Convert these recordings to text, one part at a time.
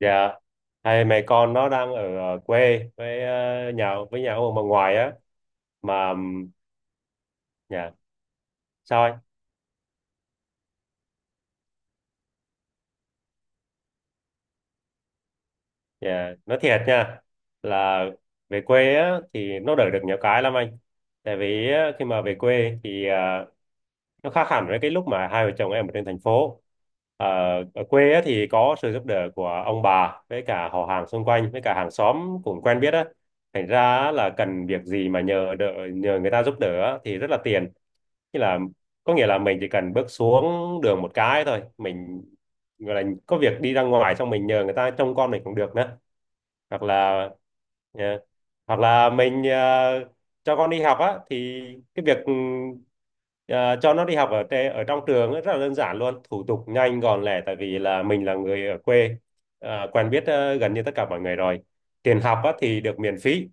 Dạ, hai mẹ con nó đang ở quê với nhà với nhà ông bà ngoại á. Mà dạ sao anh. Dạ, nói thiệt nha là về quê á, thì nó đỡ được nhiều cái lắm anh. Tại vì á, khi mà về quê thì nó khác hẳn với cái lúc mà hai vợ chồng em ở trên thành phố. Ờ, Ở quê á, thì có sự giúp đỡ của ông bà với cả họ hàng xung quanh với cả hàng xóm cũng quen biết á. Thành ra á, là cần việc gì mà nhờ đỡ, nhờ người ta giúp đỡ á, thì rất là tiền. Như là có nghĩa là mình chỉ cần bước xuống đường một cái thôi, mình gọi là có việc đi ra ngoài xong mình nhờ người ta trông con mình cũng được nữa, hoặc là ờ, hoặc là mình cho con đi học á, thì cái việc ờ, cho nó đi học ở ở trong trường ấy rất là đơn giản, luôn thủ tục nhanh gọn lẹ, tại vì là mình là người ở quê, quen biết gần như tất cả mọi người rồi. Tiền học á thì được miễn phí,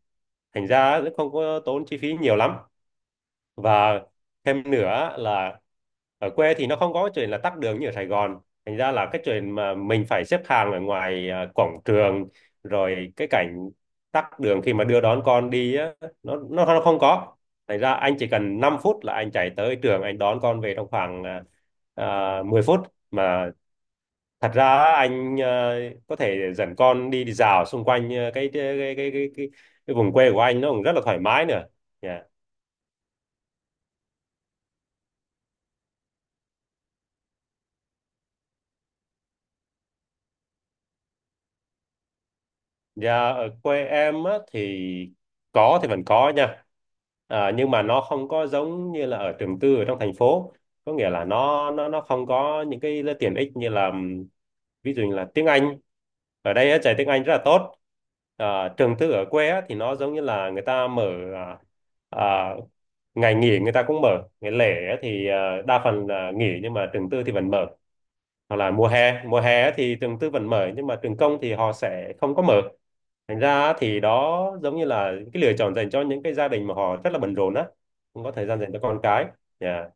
thành ra cũng không có tốn chi phí nhiều lắm. Và thêm nữa là ở quê thì nó không có chuyện là tắc đường như ở Sài Gòn, thành ra là cái chuyện mà mình phải xếp hàng ở ngoài cổng trường, rồi cái cảnh tắc đường khi mà đưa đón con đi á, nó không có. Thành ra anh chỉ cần 5 phút là anh chạy tới trường anh đón con về trong khoảng 10 phút. Mà thật ra á, anh có thể dẫn con đi, đi dạo xung quanh cái vùng quê của anh, nó cũng rất là thoải mái nữa. Dạ. Dạ, ở quê em á, thì có thì vẫn có nha. À, nhưng mà nó không có giống như là ở trường tư ở trong thành phố. Có nghĩa là nó không có những cái tiện ích như là ví dụ như là tiếng Anh. Ở đây á, dạy tiếng Anh rất là tốt. À, trường tư ở quê á, thì nó giống như là người ta mở, à, à, ngày nghỉ người ta cũng mở. Ngày lễ á, thì à, đa phần là nghỉ nhưng mà trường tư thì vẫn mở. Hoặc là mùa hè á, thì trường tư vẫn mở nhưng mà trường công thì họ sẽ không có mở, thành ra á, thì đó giống như là cái lựa chọn dành cho những cái gia đình mà họ rất là bận rộn á, không có thời gian dành cho con cái. Nhà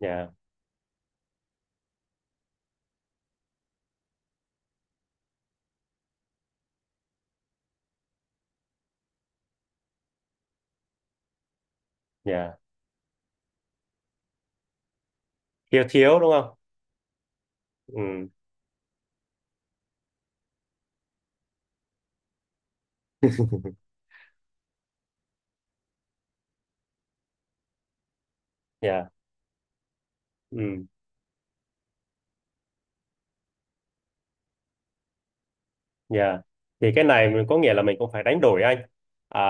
nhà nhà thiếu thiếu đúng không. Ừ. Nhà. Ừ. Nhà thì cái này mình có nghĩa là mình cũng phải đánh đổi anh. À,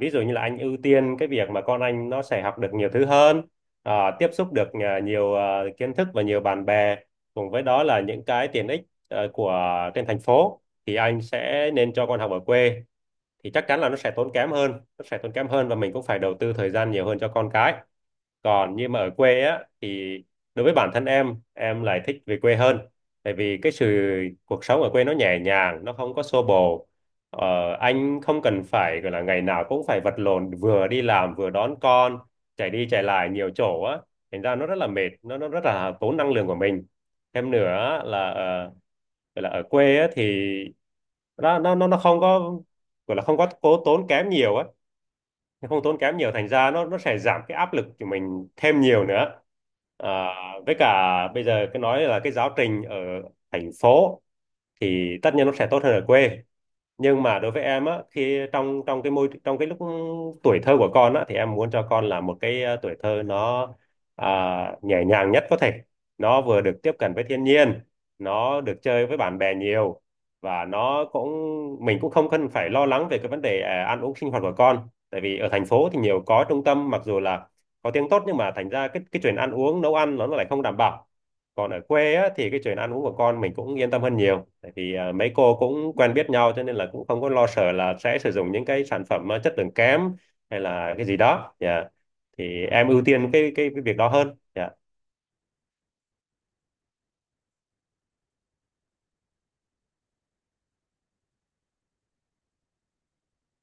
ví dụ như là anh ưu tiên cái việc mà con anh nó sẽ học được nhiều thứ hơn, à, tiếp xúc được nhiều kiến thức và nhiều bạn bè, cùng với đó là những cái tiện ích của trên thành phố, thì anh sẽ nên cho con học ở quê thì chắc chắn là nó sẽ tốn kém hơn. Nó sẽ tốn kém hơn và mình cũng phải đầu tư thời gian nhiều hơn cho con cái. Còn như mà ở quê á thì đối với bản thân em lại thích về quê hơn. Tại vì cái sự cuộc sống ở quê nó nhẹ nhàng, nó không có xô bồ. ờ, anh không cần phải gọi là ngày nào cũng phải vật lộn vừa đi làm vừa đón con, chạy đi chạy lại nhiều chỗ á, thành ra nó rất là mệt, nó rất là tốn năng lượng của mình. Thêm nữa là gọi là ở quê á thì nó không có, gọi là không có cố tốn kém nhiều á, không tốn kém nhiều, thành ra nó sẽ giảm cái áp lực của mình thêm nhiều nữa. À, với cả bây giờ cái nói là cái giáo trình ở thành phố thì tất nhiên nó sẽ tốt hơn ở quê, nhưng mà đối với em á, khi trong trong cái môi, trong cái lúc tuổi thơ của con á, thì em muốn cho con là một cái tuổi thơ nó à, nhẹ nhàng nhất có thể. Nó vừa được tiếp cận với thiên nhiên, nó được chơi với bạn bè nhiều, và nó cũng, mình cũng không cần phải lo lắng về cái vấn đề ăn uống sinh hoạt của con. Tại vì ở thành phố thì nhiều có trung tâm, mặc dù là có tiếng tốt, nhưng mà thành ra cái chuyện ăn uống, nấu ăn nó lại không đảm bảo. Còn ở quê á, thì cái chuyện ăn uống của con mình cũng yên tâm hơn nhiều, tại vì mấy cô cũng quen biết nhau, cho nên là cũng không có lo sợ là sẽ sử dụng những cái sản phẩm chất lượng kém hay là cái gì đó. Dạ, thì em ưu tiên cái việc đó hơn. Dạ,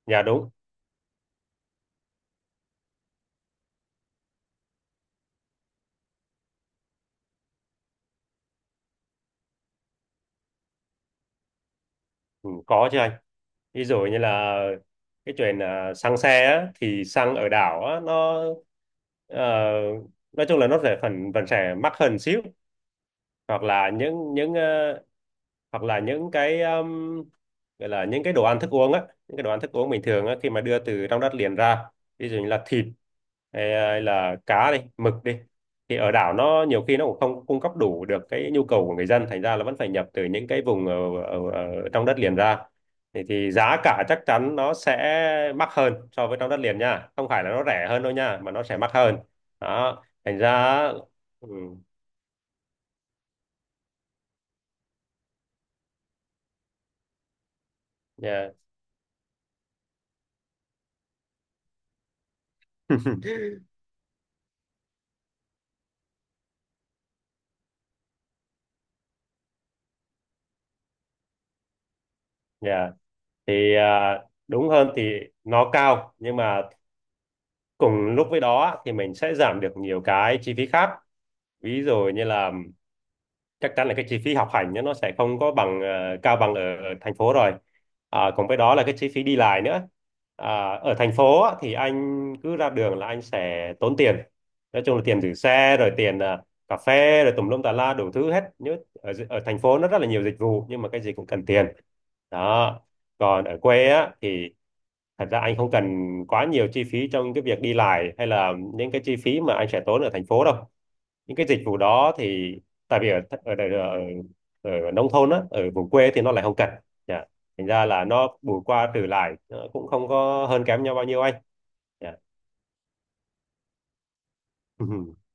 dạ, đúng. Ừ, có chứ anh. Ví dụ như là cái chuyện xăng xe á, thì xăng ở đảo á, nó ờ, nói chung là nó sẽ phần phần sẽ mắc hơn xíu. Hoặc là hoặc là những cái gọi là những cái đồ ăn thức uống á, những cái đồ ăn thức uống bình thường á, khi mà đưa từ trong đất liền ra, ví dụ như là thịt hay, hay là cá đi, mực đi, thì ở đảo nó nhiều khi nó cũng không cung cấp đủ được cái nhu cầu của người dân, thành ra là vẫn phải nhập từ những cái vùng ở trong đất liền ra, thì giá cả chắc chắn nó sẽ mắc hơn so với trong đất liền nha, không phải là nó rẻ hơn đâu nha, mà nó sẽ mắc hơn đó, thành ra ừ, yeah. Yeah. Thì đúng hơn thì nó cao, nhưng mà cùng lúc với đó thì mình sẽ giảm được nhiều cái chi phí khác. Ví dụ như là chắc chắn là cái chi phí học hành nhá, nó sẽ không có bằng cao bằng ở thành phố rồi. À, cùng với đó là cái chi phí đi lại nữa. À, ở thành phố á, thì anh cứ ra đường là anh sẽ tốn tiền, nói chung là tiền giữ xe, rồi tiền cà phê, rồi tùm lum tà la đủ thứ hết, nhớ ở thành phố nó rất là nhiều dịch vụ, nhưng mà cái gì cũng cần tiền đó. Còn ở quê á thì thật ra anh không cần quá nhiều chi phí trong cái việc đi lại hay là những cái chi phí mà anh sẽ tốn ở thành phố đâu, những cái dịch vụ đó thì tại vì ở nông thôn á, ở vùng quê thì nó lại không cần. Dạ, thành ra là nó bù qua trừ lại nó cũng không có hơn kém nhau bao nhiêu anh. Dạ.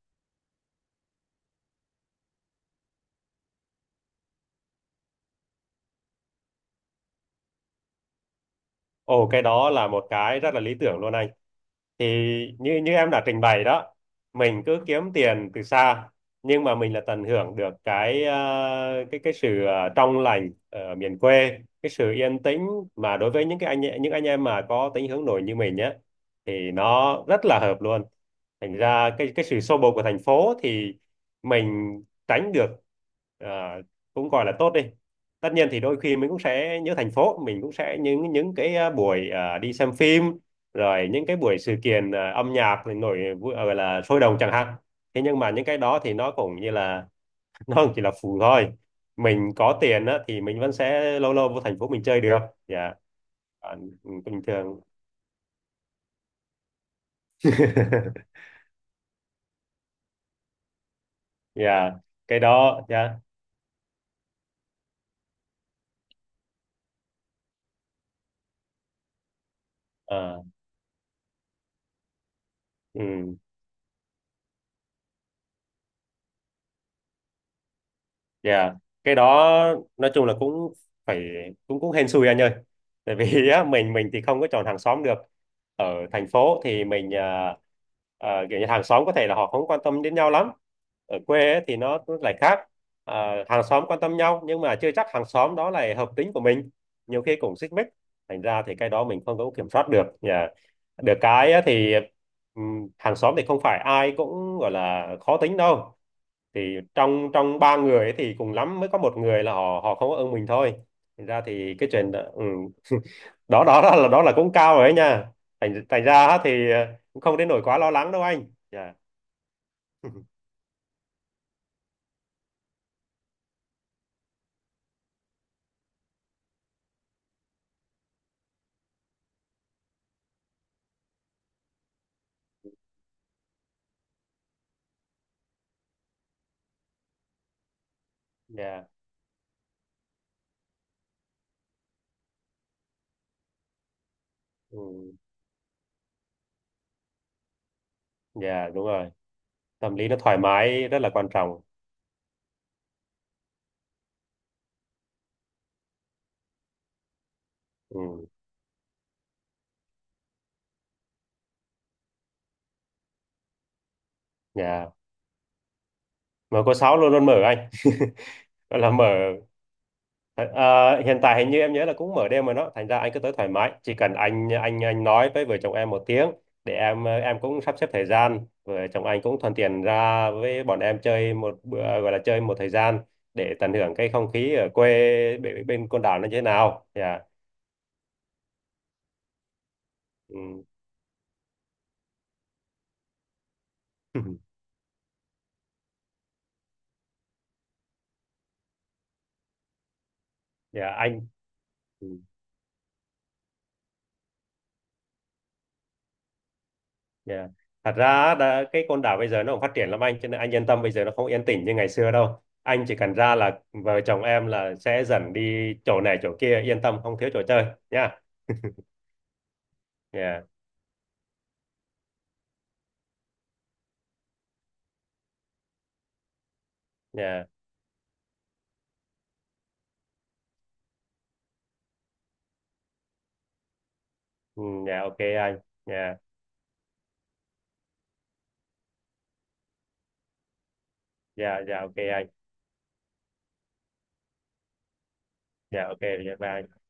Ồ, cái đó là một cái rất là lý tưởng luôn anh. Thì như như em đã trình bày đó, mình cứ kiếm tiền từ xa, nhưng mà mình là tận hưởng được cái cái cái sự trong lành ở miền quê, cái sự yên tĩnh, mà đối với những cái anh, những anh em mà có tính hướng nội như mình nhé, thì nó rất là hợp luôn. Thành ra cái sự xô bồ của thành phố thì mình tránh được, ờ, cũng gọi là tốt đi. Tất nhiên thì đôi khi mình cũng sẽ nhớ thành phố, mình cũng sẽ những cái buổi đi xem phim, rồi những cái buổi sự kiện âm nhạc thì gọi là sôi động chẳng hạn. Thế nhưng mà những cái đó thì nó cũng như là nó cũng chỉ là phụ thôi. Mình có tiền á, thì mình vẫn sẽ lâu lâu vô thành phố mình chơi được. Dạ. Còn bình thường. Dạ cái đó dạ. Ờ, ừ. Dạ, cái đó nói chung là cũng phải, cũng cũng hên xui anh ơi. Tại vì á, mình thì không có chọn hàng xóm được. Ở thành phố thì mình kiểu như hàng xóm có thể là họ không quan tâm đến nhau lắm. Ở quê ấy, thì nó lại khác. À, hàng xóm quan tâm nhau nhưng mà chưa chắc hàng xóm đó là hợp tính của mình. Nhiều khi cũng xích mích. Thành ra thì cái đó mình không có kiểm soát được. Dạ. Được cái á, thì hàng xóm thì không phải ai cũng gọi là khó tính đâu, thì trong trong ba người ấy thì cùng lắm mới có một người là họ họ không có ưng mình thôi, thành ra thì cái chuyện đó, ừ. Đó, đó, đó là, đó là cũng cao rồi ấy nha. Thành thành ra á thì cũng không đến nỗi quá lo lắng đâu anh. Dạ. Dạ. Ừ. Dạ, đúng rồi. Tâm lý nó thoải mái rất là quan trọng. Ừ. Dạ, mở. Có sáu luôn luôn mở anh. Gọi là mở. Ờ, ờ, hiện tại hình như em nhớ là cũng mở đêm mà nó, thành ra anh cứ tới thoải mái, chỉ cần anh nói với vợ chồng em một tiếng để em em cũng sắp xếp thời gian vợ chồng anh cũng thuận tiện ra với bọn em chơi một bữa, gọi là chơi một thời gian, để tận hưởng cái không khí ở quê bên, bên Côn Đảo nó như thế nào. Dạ. Ừ. Dạ anh. Ừ. Yeah. Thật ra đã, cái con đảo bây giờ nó cũng phát triển lắm anh, cho nên anh yên tâm, bây giờ nó không yên tĩnh như ngày xưa đâu, anh chỉ cần ra là vợ chồng em là sẽ dần đi chỗ này chỗ kia, yên tâm không thiếu chỗ chơi nha. Yeah. Yeah. Yeah. Ừ, yeah, ok anh. Yeah. Yeah, yeah, ok anh. Yeah, ok. Yeah, bye anh.